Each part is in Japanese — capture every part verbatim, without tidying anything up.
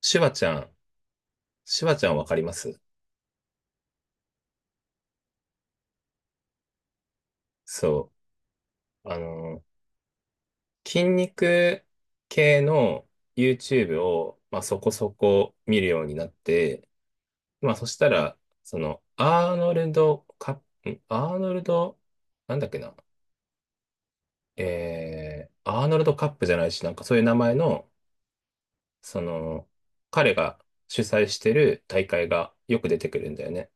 シュワちゃん、シュワちゃんわかります？そう。あの、筋肉系の ユーチューブ を、まあ、そこそこ見るようになって、まあ、そしたら、その、アーノルドカップ、アーノルド、なんだっけな、えー、アーノルドカップじゃないし、なんかそういう名前の、その、彼が主催してる大会がよく出てくるんだよね。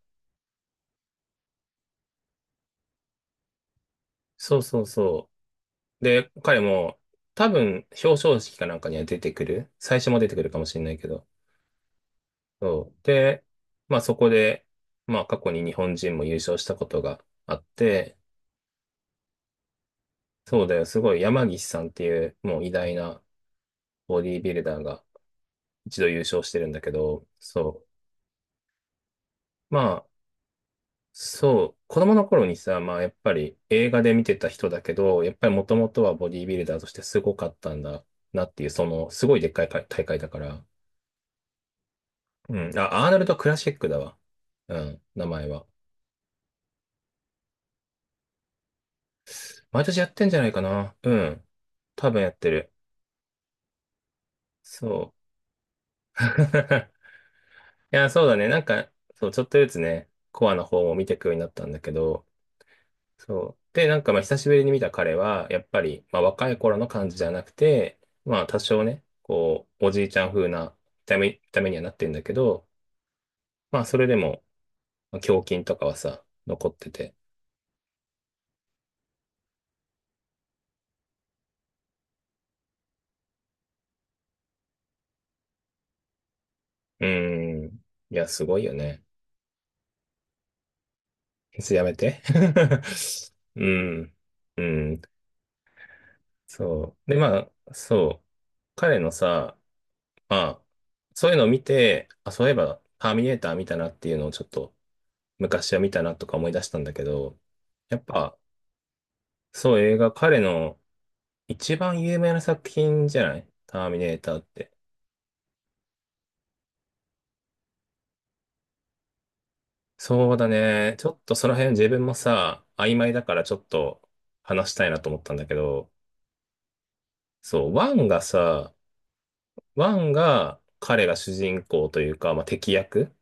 そうそうそう。で、彼も、多分、表彰式かなんかには出てくる。最初も出てくるかもしれないけど。そう。で、まあそこで、まあ過去に日本人も優勝したことがあって、そうだよ、すごい山岸さんっていうもう偉大なボディービルダーが一度優勝してるんだけど、そう。まあ、そう。子供の頃にさ、まあやっぱり映画で見てた人だけど、やっぱりもともとはボディービルダーとしてすごかったんだなっていう、その、すごいでっかい大会だから。うん。あ、アーノルド・クラシックだわ。うん、名前は。毎年やってんじゃないかな。うん。多分やってる。そう。いや、そうだね。なんか、そう、ちょっとずつね、コアの方も見ていくようになったんだけど、そう。で、なんか、まあ、久しぶりに見た彼は、やっぱり、まあ、若い頃の感じじゃなくて、まあ、多少ね、こう、おじいちゃん風な見た目、見た目にはなってんだけど、まあ、それでも、まあ胸筋とかはさ、残ってて。うーん。いや、すごいよね。それやめて。うん。うん。そう。で、まあ、そう。彼のさ、まあ、そういうのを見て、あ、そういえば、ターミネーター見たなっていうのをちょっと、昔は見たなとか思い出したんだけど、やっぱ、そう、映画、彼の一番有名な作品じゃない、ターミネーターって。そうだね。ちょっとその辺自分もさ、曖昧だからちょっと話したいなと思ったんだけど、そう、ワンがさ、ワンが彼が主人公というか、まあ、敵役、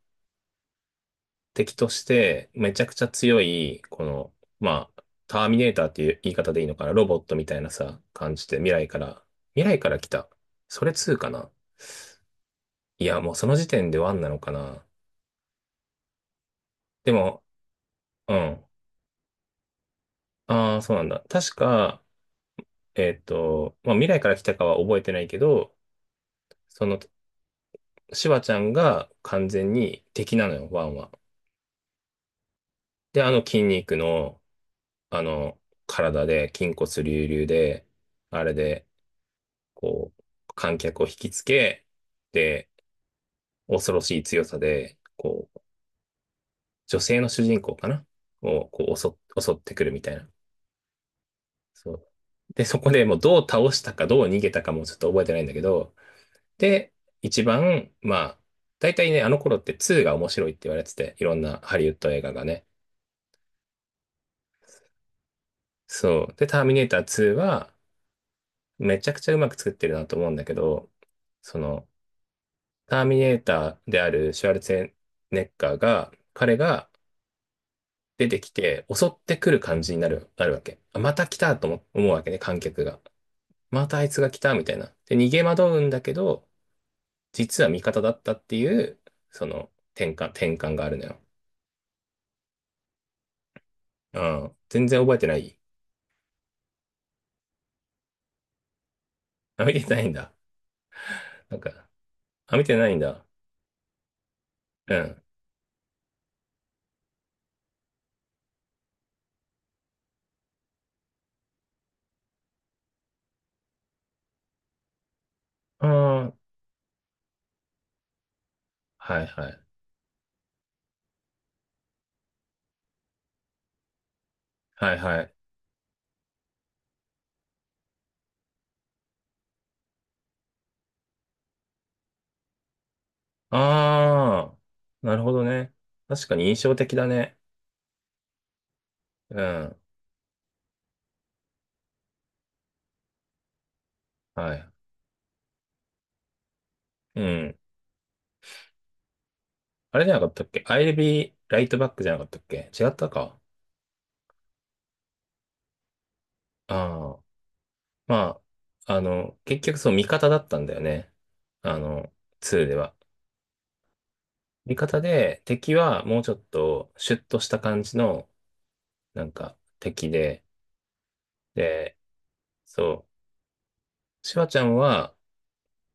敵としてめちゃくちゃ強い、この、まあ、ターミネーターっていう言い方でいいのかな、ロボットみたいなさ、感じで未来から、未来から来た。それツーかな？いや、もうその時点でワンなのかな。でも、うん。ああ、そうなんだ。確か、えっと、まあ、未来から来たかは覚えてないけど、その、シュワちゃんが完全に敵なのよ、ワンは。で、あの筋肉の、あの、体で、筋骨隆々で、あれで、こう、観客を引きつけ、で、恐ろしい強さで、こう、女性の主人公かなを、こう、襲っ、襲ってくるみたいな。そう。で、そこでもうどう倒したか、どう逃げたかもちょっと覚えてないんだけど、で、一番、まあ、大体ね、あの頃ってツーが面白いって言われてて、いろんなハリウッド映画がね。そう。で、ターミネーターツーは、めちゃくちゃうまく作ってるなと思うんだけど、その、ターミネーターであるシュワルツェネッガーが、彼が出てきて襲ってくる感じになる、なるわけ。あ、また来たと思思うわけね、観客が。またあいつが来たみたいな。で、逃げ惑うんだけど、実は味方だったっていう、その転換、転換があるのよ。うん。全然覚えてない。あ、見てないんだ。なんか、あ、見てないんだ。うん。ああ、はいはい。はいはい。ああ、なるほどね。確かに印象的だね。うん。はい。うん。あれじゃなかったっけ、アイエルビーライトバックじゃなかったっけ、違ったか。ああ、まあ、あの、結局そう味方だったんだよね。あの、ツーでは。味方で、敵はもうちょっとシュッとした感じの、なんか、敵で、で、そう、シュワちゃんは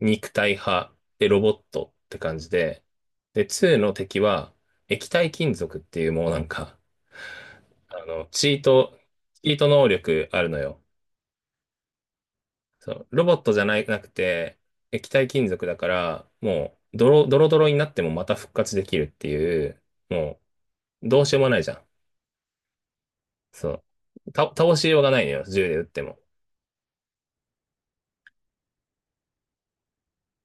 肉体派でロボットって感じで、で、ツーの敵は液体金属っていうもうなんか、あの、チート、チート能力あるのよ。そう、ロボットじゃないなくて、液体金属だから、もう、ドロ、ドロドロになってもまた復活できるっていう、もう、どうしようもないじゃん。そう。た、倒しようがないのよ、銃で撃っても。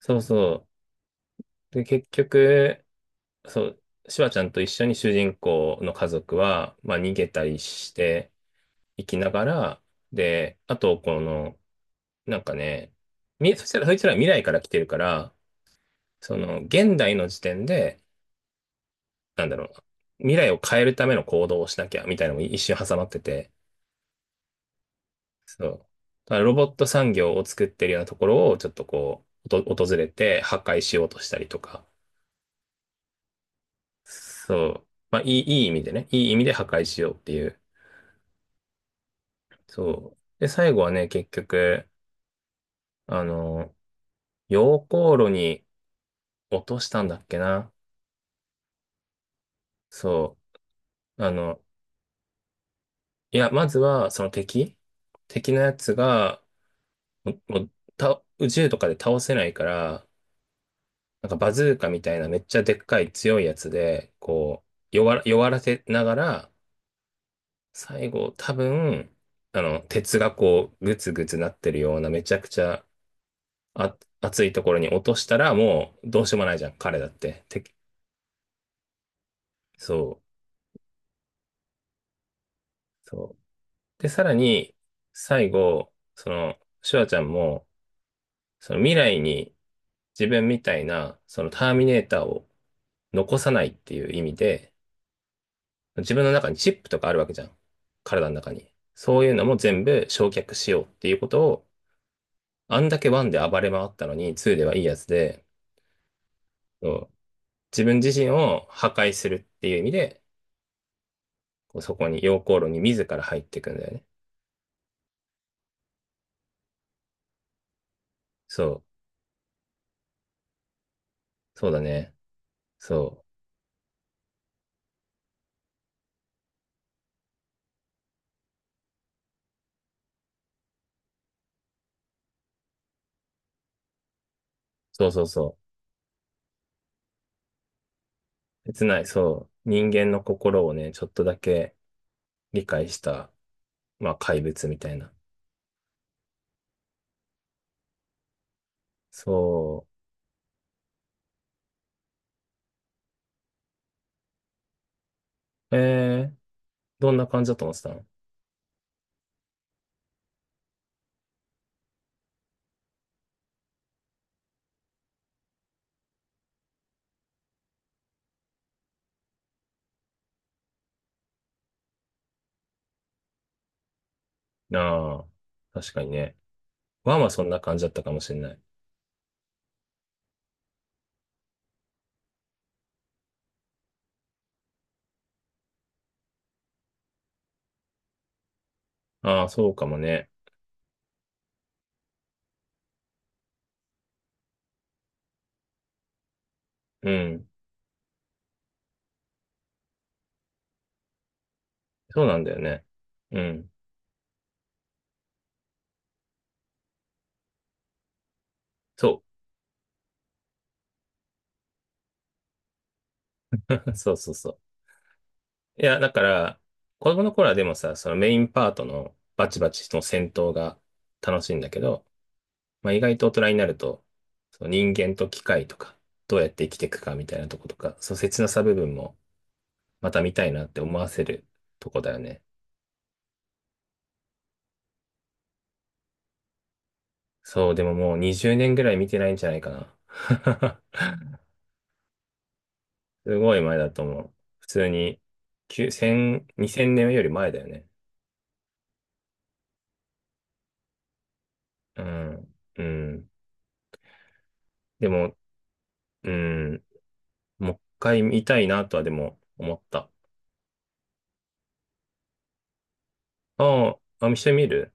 そうそう。で、結局、そう、シュワちゃんと一緒に主人公の家族は、まあ、逃げたりしていきながら、で、あと、この、なんかね、み、そしたら、そいつらは未来から来てるから、その、現代の時点で、なんだろう、未来を変えるための行動をしなきゃみたいなのも一瞬挟まってて、そう。だからロボット産業を作ってるようなところをちょっとこう、おと訪れて破壊しようとしたりとか、そう。まあ、いい、いい意味でね、いい意味で破壊しようっていう。そう。で、最後はね、結局、あの、溶鉱炉に落としたんだっけな。そう。あの、いや、まずは、その敵敵のやつが、もうもうた宇宙とかで倒せないから、なんかバズーカみたいなめっちゃでっかい強いやつで、こう、弱ら、弱らせながら、最後多分、あの、鉄がこう、グツグツなってるようなめちゃくちゃあ、熱いところに落としたらもうどうしようもないじゃん、彼だって。て、そう、そう。で、さらに、最後、その、シュワちゃんも、その未来に自分みたいな、そのターミネーターを残さないっていう意味で、自分の中にチップとかあるわけじゃん。体の中に。そういうのも全部焼却しようっていうことを、あんだけワンで暴れ回ったのにツーではいいやつで、そう自分自身を破壊するっていう意味で、こうそこに、溶鉱炉に自ら入っていくんだよね。そう。そうだね。そう。そうそうそう。切ない。そう。人間の心をね、ちょっとだけ理解した、まあ怪物みたいな。そう。えー、どんな感じだと思ってたの？ああー、確かにね。ワンはそんな感じだったかもしれない。ああ、そうかもね。うん。そうなんだよね。うん。そう。そうそうそう。いや、だから、子供の頃はでもさ、そのメインパートのバチバチの戦闘が楽しいんだけど、まあ、意外と大人になると、その人間と機械とか、どうやって生きていくかみたいなとことか、そう切なさ部分もまた見たいなって思わせるとこだよね。そう、でももうにじゅうねんぐらい見てないんじゃないかな。すごい前だと思う。普通に、いち れい ぜろ にせんねんより前だよね。うん。うん。でも、うん。もう一回見たいなとはでも思った。ああ、あ、見してみる？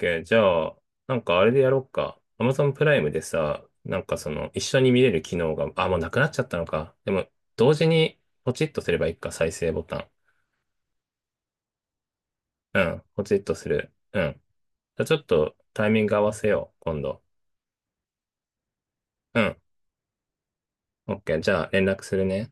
OK。じゃあ、なんかあれでやろうか。アマゾン プライムでさ、なんかその、一緒に見れる機能が、あ、もうなくなっちゃったのか。でも、同時に、ポチッとすればいいか、再生ボタン。うん、ポチッとする。うん。じゃあちょっと、タイミング合わせよう、今度。うん。OK。じゃあ、連絡するね。